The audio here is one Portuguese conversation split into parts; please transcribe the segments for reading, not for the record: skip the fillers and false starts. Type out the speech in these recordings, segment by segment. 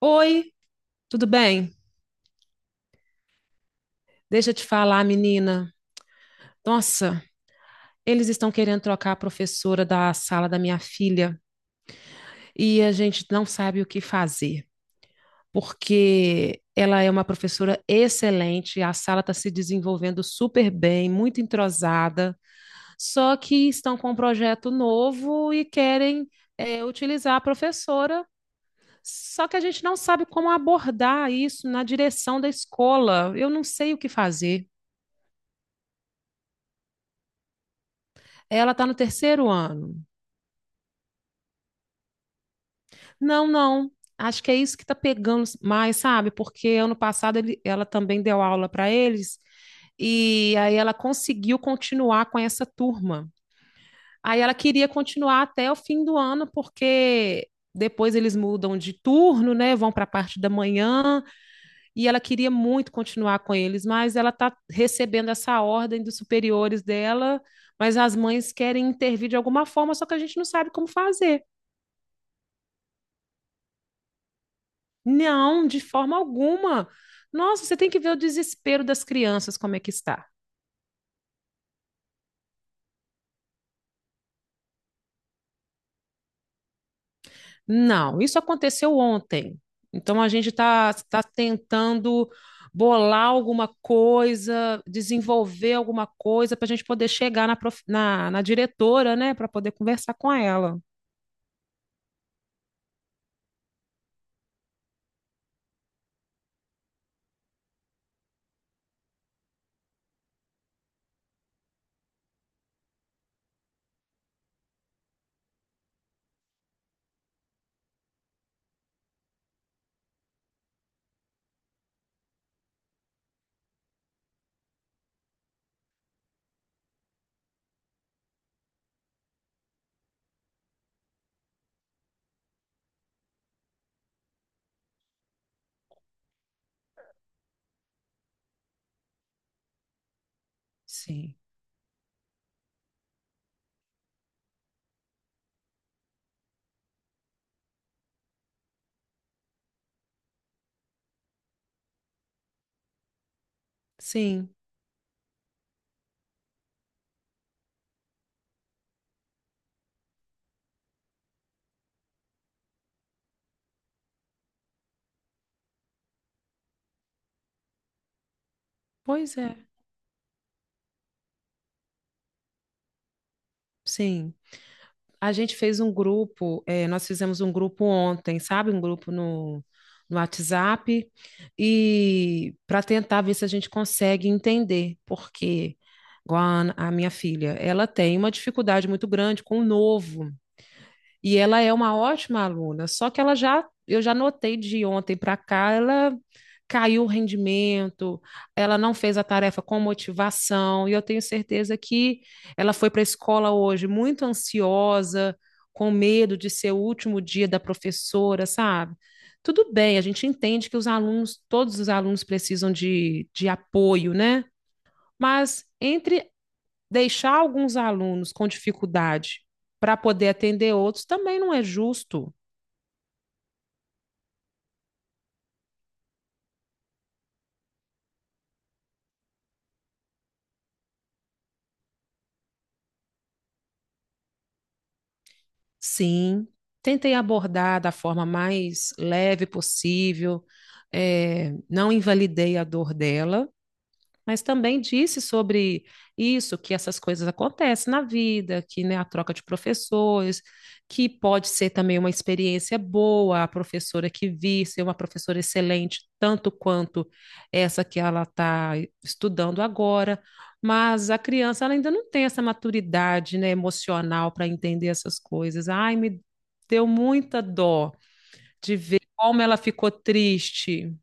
Oi, tudo bem? Deixa eu te falar, menina. Nossa, eles estão querendo trocar a professora da sala da minha filha e a gente não sabe o que fazer, porque ela é uma professora excelente, a sala está se desenvolvendo super bem, muito entrosada, só que estão com um projeto novo e querem, utilizar a professora. Só que a gente não sabe como abordar isso na direção da escola. Eu não sei o que fazer. Ela está no terceiro ano. Não, não. Acho que é isso que está pegando mais, sabe? Porque ano passado ela também deu aula para eles e aí ela conseguiu continuar com essa turma. Aí ela queria continuar até o fim do ano, porque depois eles mudam de turno, né? Vão para a parte da manhã, e ela queria muito continuar com eles, mas ela está recebendo essa ordem dos superiores dela, mas as mães querem intervir de alguma forma, só que a gente não sabe como fazer. Não, de forma alguma. Nossa, você tem que ver o desespero das crianças, como é que está. Não, isso aconteceu ontem. Então a gente está tá tentando bolar alguma coisa, desenvolver alguma coisa para a gente poder chegar na diretora, né, para poder conversar com ela. Sim, sim, pois é, sim. A gente fez um grupo, nós fizemos um grupo ontem, sabe? Um grupo no WhatsApp, e para tentar ver se a gente consegue entender, porque igual a minha filha, ela tem uma dificuldade muito grande com o novo. E ela é uma ótima aluna, só que ela já, eu já notei de ontem para cá, ela caiu o rendimento, ela não fez a tarefa com motivação, e eu tenho certeza que ela foi para a escola hoje muito ansiosa, com medo de ser o último dia da professora, sabe? Tudo bem, a gente entende que os alunos, todos os alunos precisam de apoio, né? Mas entre deixar alguns alunos com dificuldade para poder atender outros também não é justo. Sim, tentei abordar da forma mais leve possível, não invalidei a dor dela, mas também disse sobre isso, que essas coisas acontecem na vida, que né, a troca de professores, que pode ser também uma experiência boa, a professora que vir ser uma professora excelente, tanto quanto essa que ela está estudando agora, mas a criança ela ainda não tem essa maturidade, né, emocional para entender essas coisas. Ai, me deu muita dó de ver como ela ficou triste.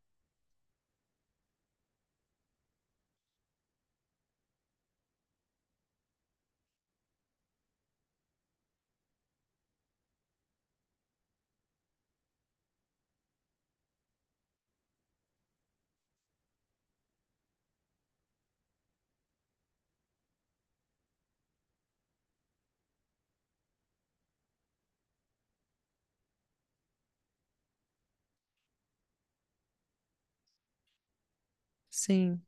Sim,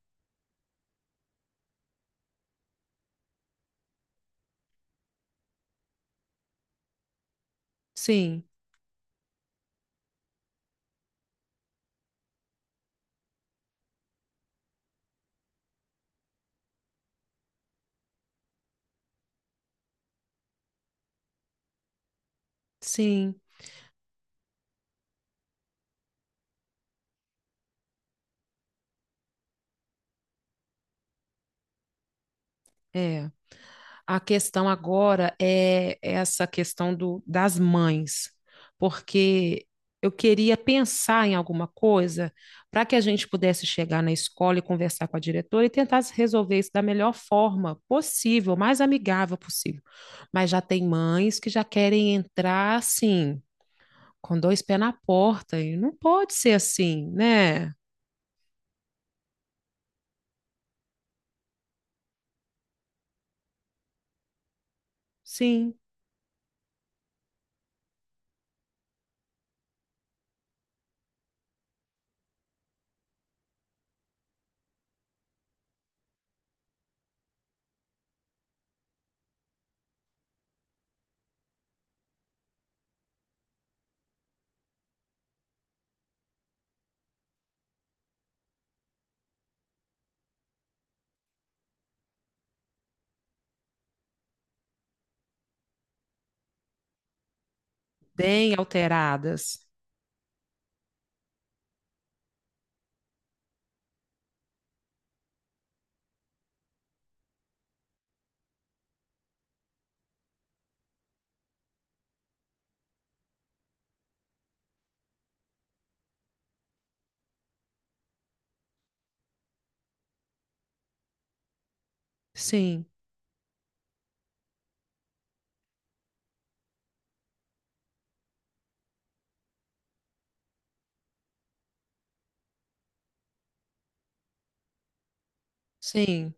sim, sim, é. A questão agora é essa questão do, das mães, porque eu queria pensar em alguma coisa para que a gente pudesse chegar na escola e conversar com a diretora e tentar resolver isso da melhor forma possível, mais amigável possível. Mas já tem mães que já querem entrar assim, com dois pés na porta, e não pode ser assim, né? Sim, bem alteradas. Sim, sim,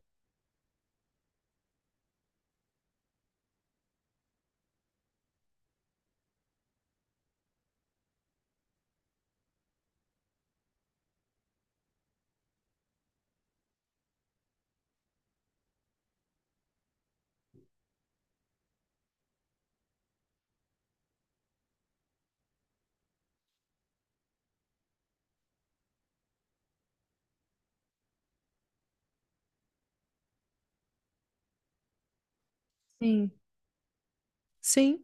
sim, sim.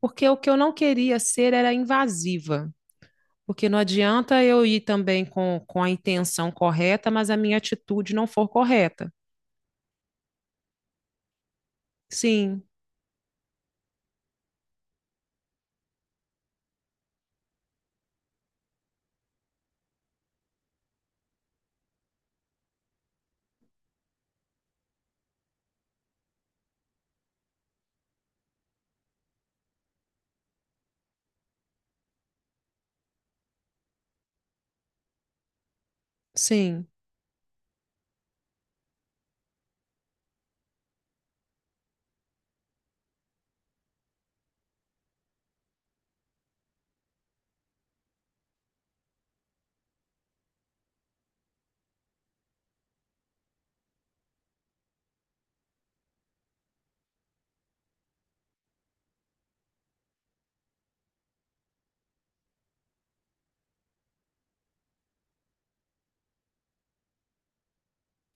Porque o que eu não queria ser era invasiva. Porque não adianta eu ir também com a intenção correta, mas a minha atitude não for correta. Sim, sim,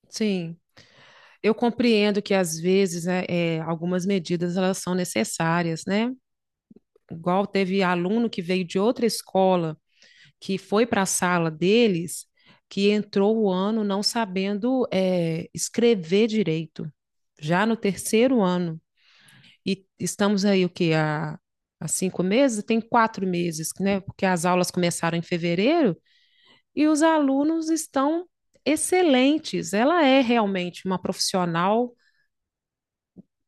sim. Eu compreendo que às vezes né, é, algumas medidas elas são necessárias, né? Igual teve aluno que veio de outra escola, que foi para a sala deles, que entrou o ano não sabendo escrever direito, já no terceiro ano. E estamos aí, o quê? Há 5 meses? Tem 4 meses, né? Porque as aulas começaram em fevereiro e os alunos estão excelentes. Ela é realmente uma profissional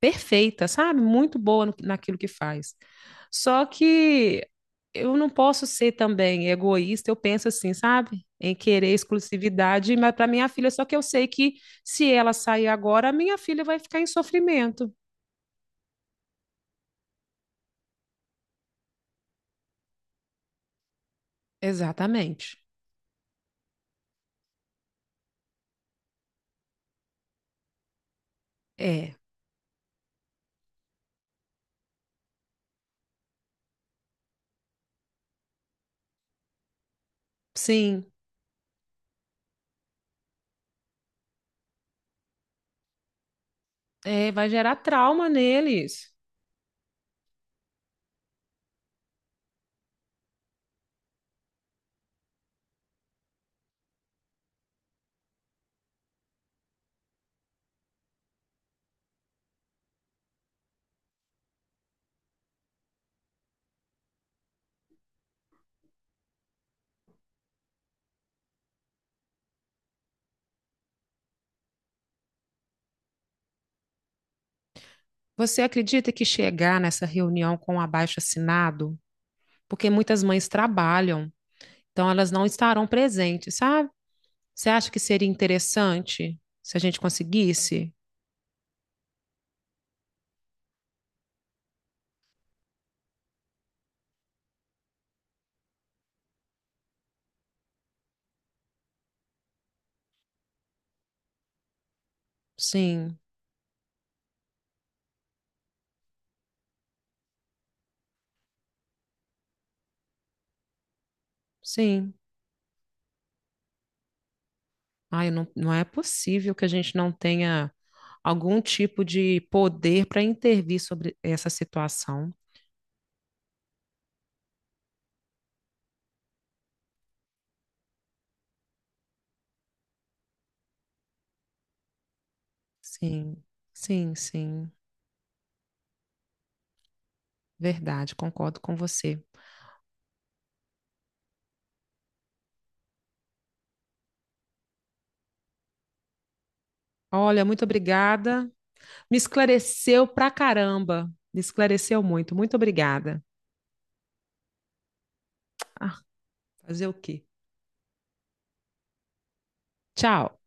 perfeita, sabe? Muito boa naquilo que faz. Só que eu não posso ser também egoísta, eu penso assim, sabe? Em querer exclusividade, mas para minha filha, só que eu sei que se ela sair agora, a minha filha vai ficar em sofrimento. Exatamente. É, sim. É, vai gerar trauma neles. Você acredita que chegar nessa reunião com o abaixo-assinado? Porque muitas mães trabalham, então elas não estarão presentes, sabe? Você acha que seria interessante se a gente conseguisse? Sim, sim. Ai, não, não é possível que a gente não tenha algum tipo de poder para intervir sobre essa situação. Sim, sim, sim. Verdade, concordo com você. Olha, muito obrigada. Me esclareceu pra caramba. Me esclareceu muito. Muito obrigada. Ah, fazer o quê? Tchau.